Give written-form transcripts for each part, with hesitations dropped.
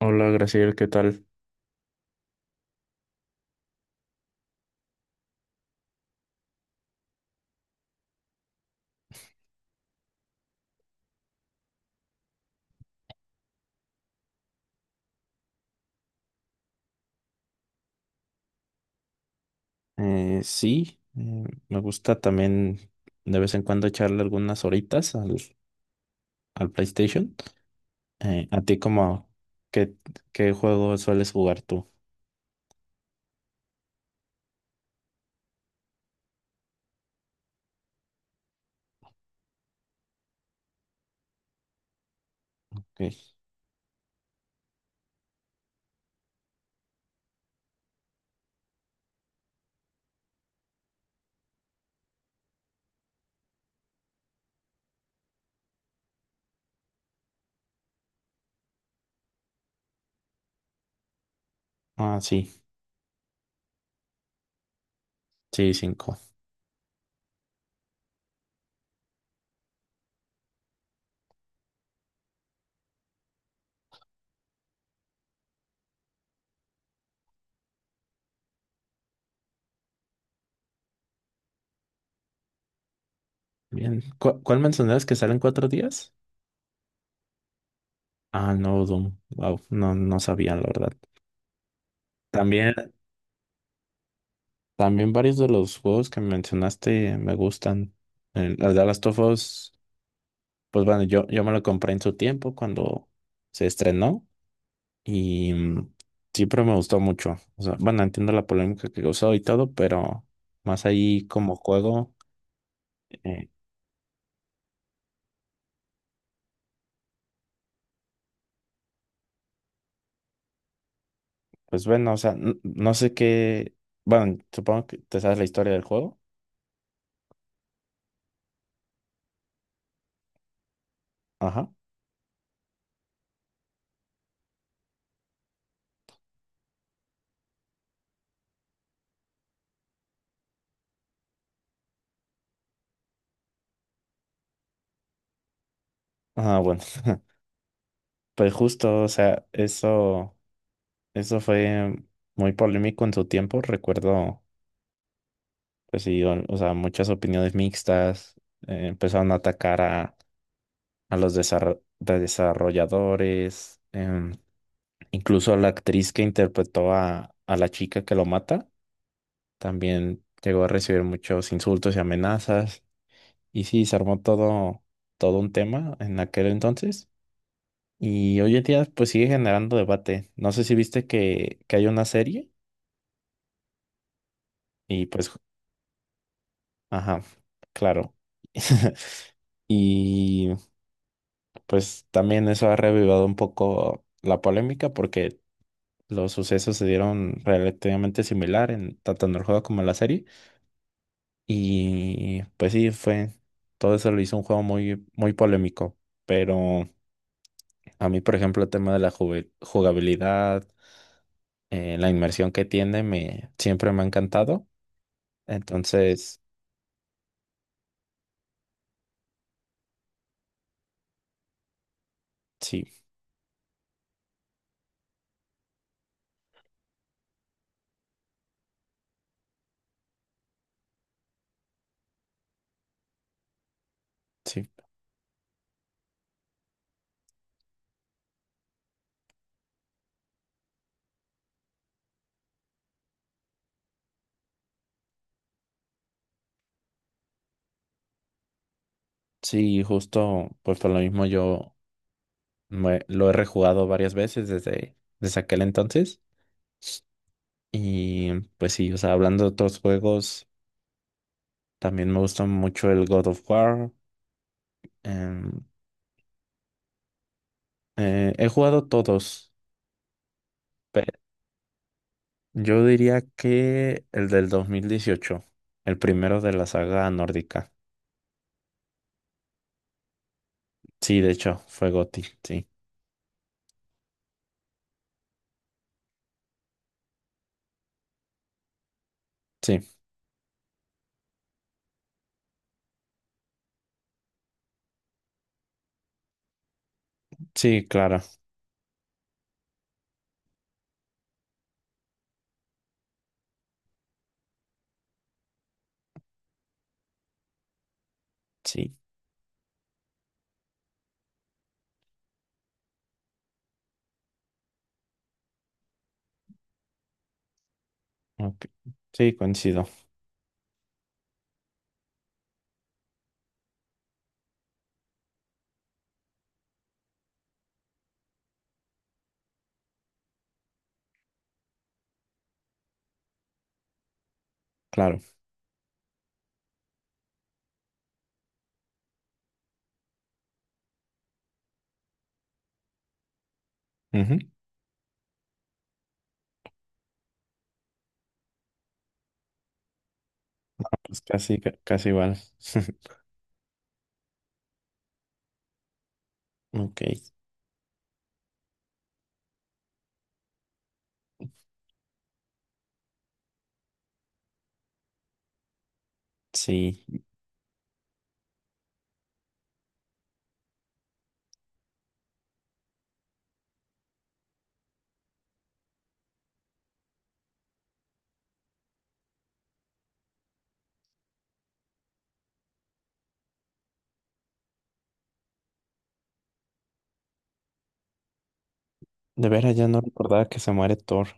Hola, Graciel, ¿qué tal? Sí, me gusta también de vez en cuando echarle algunas horitas al PlayStation. ¿A ti como qué, qué juego sueles jugar tú? Ok. Ah, sí, sí, cinco. Bien. ¿Cuál mencionabas que salen 4 días? Ah, no, Doom. Wow, no, no sabía, la verdad. También, también varios de los juegos que mencionaste me gustan. Las de Last of Us, pues bueno, yo me lo compré en su tiempo cuando se estrenó. Y siempre me gustó mucho. O sea, bueno, entiendo la polémica que causó y todo, pero más ahí como juego, eh, pues bueno, o sea, no sé qué. Bueno, supongo que te sabes la historia del juego. Ajá. Ah, bueno. Pues justo, o sea, eso fue muy polémico en su tiempo. Recuerdo, pues sí, o sea, muchas opiniones mixtas. Empezaron a atacar a los desarro- de desarrolladores. Incluso la actriz que interpretó a la chica que lo mata también llegó a recibir muchos insultos y amenazas. Y sí, se armó todo un tema en aquel entonces. Y hoy en día pues sigue generando debate. No sé si viste que hay una serie y pues, ajá, claro. Y pues también eso ha revivado un poco la polémica porque los sucesos se dieron relativamente similar en tanto en el juego como en la serie. Y pues sí, todo eso lo hizo un juego muy, muy polémico, pero a mí, por ejemplo, el tema de la jugabilidad, la inmersión que tiene, siempre me ha encantado. Entonces, sí, sí, sí, justo, pues por lo mismo yo lo he rejugado varias veces desde, desde aquel entonces. Y pues sí, o sea, hablando de otros juegos, también me gusta mucho el God of War. em, he jugado todos. Yo diría que el del 2018, el primero de la saga nórdica. Sí, de hecho, fue Gotti, sí. Sí, sí, claro, sí. Ok, sí, coincido, claro. Ujú. Pues casi, casi igual. Ok, sí. De veras ya no recordaba que se muere Thor.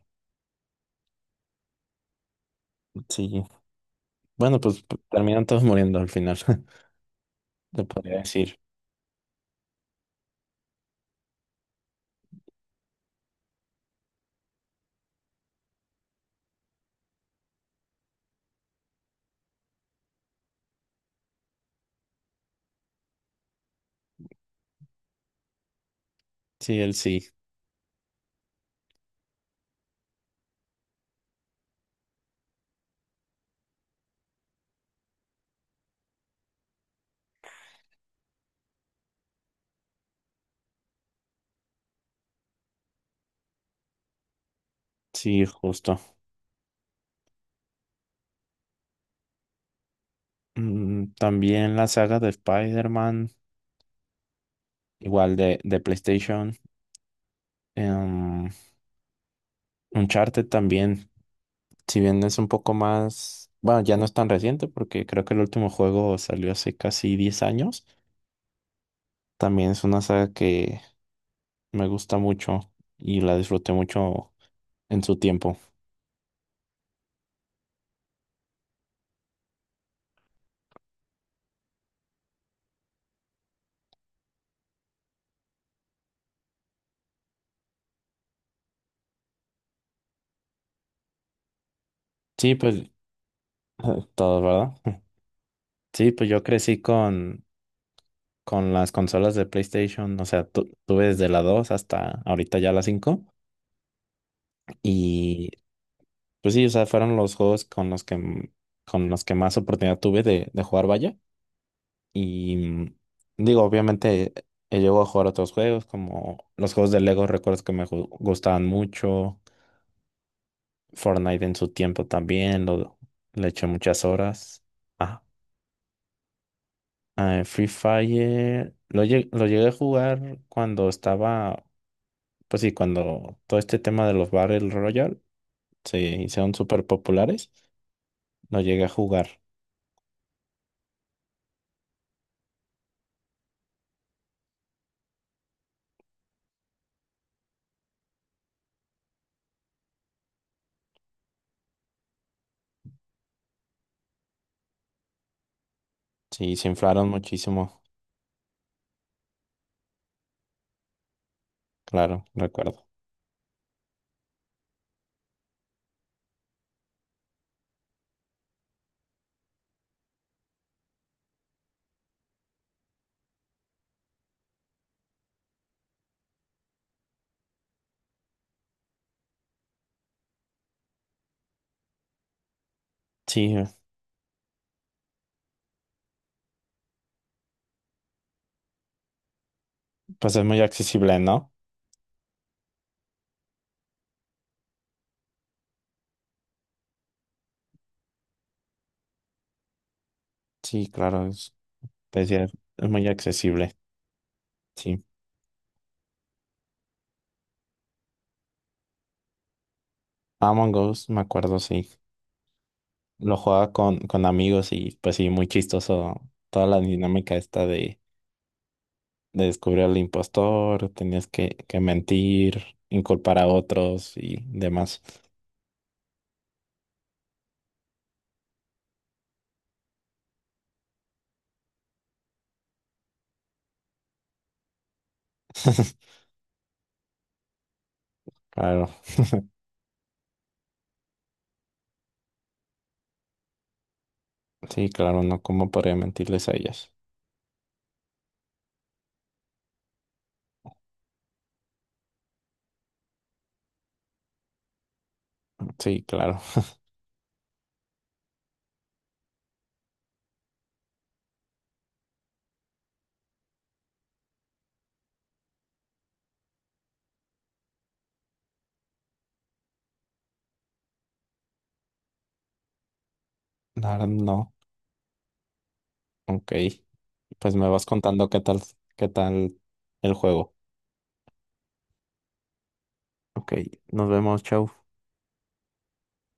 Sí. Bueno, pues terminan todos muriendo al final, te podría decir. Sí, él sí, sí, justo. Mm, también la saga de Spider-Man, igual de PlayStation. em, Uncharted también, si bien es un poco más, bueno, ya no es tan reciente porque creo que el último juego salió hace casi 10 años, también es una saga que me gusta mucho y la disfruté mucho en su tiempo. Sí, pues todo, ¿verdad? Sí, pues yo crecí con, las consolas de PlayStation, o sea, tuve desde la 2 hasta ahorita ya la 5 y pues sí, o sea, fueron los juegos con los que más oportunidad tuve de jugar, vaya. Y digo, obviamente he llegado a jugar otros juegos como los juegos de Lego, recuerdo que me gustaban mucho. Fortnite en su tiempo también, le eché muchas horas. Ah, ah, Free Fire, lo llegué a jugar cuando estaba, pues sí, cuando todo este tema de los Battle Royale se hicieron súper populares, lo llegué a jugar. Sí, se inflaron muchísimo, claro, recuerdo. Sí, pues es muy accesible, ¿no? Sí, claro. Pues ya es muy accesible, sí. Among Us, me acuerdo, sí. Lo jugaba con, amigos y pues sí, muy chistoso toda la dinámica esta de descubrir al impostor, tenías que mentir, inculpar a otros y demás. Claro, sí, claro, no, ¿cómo podría mentirles a ellos? Sí, claro. La verdad, no. Ok. Pues me vas contando qué tal, el juego. Ok, nos vemos, chau.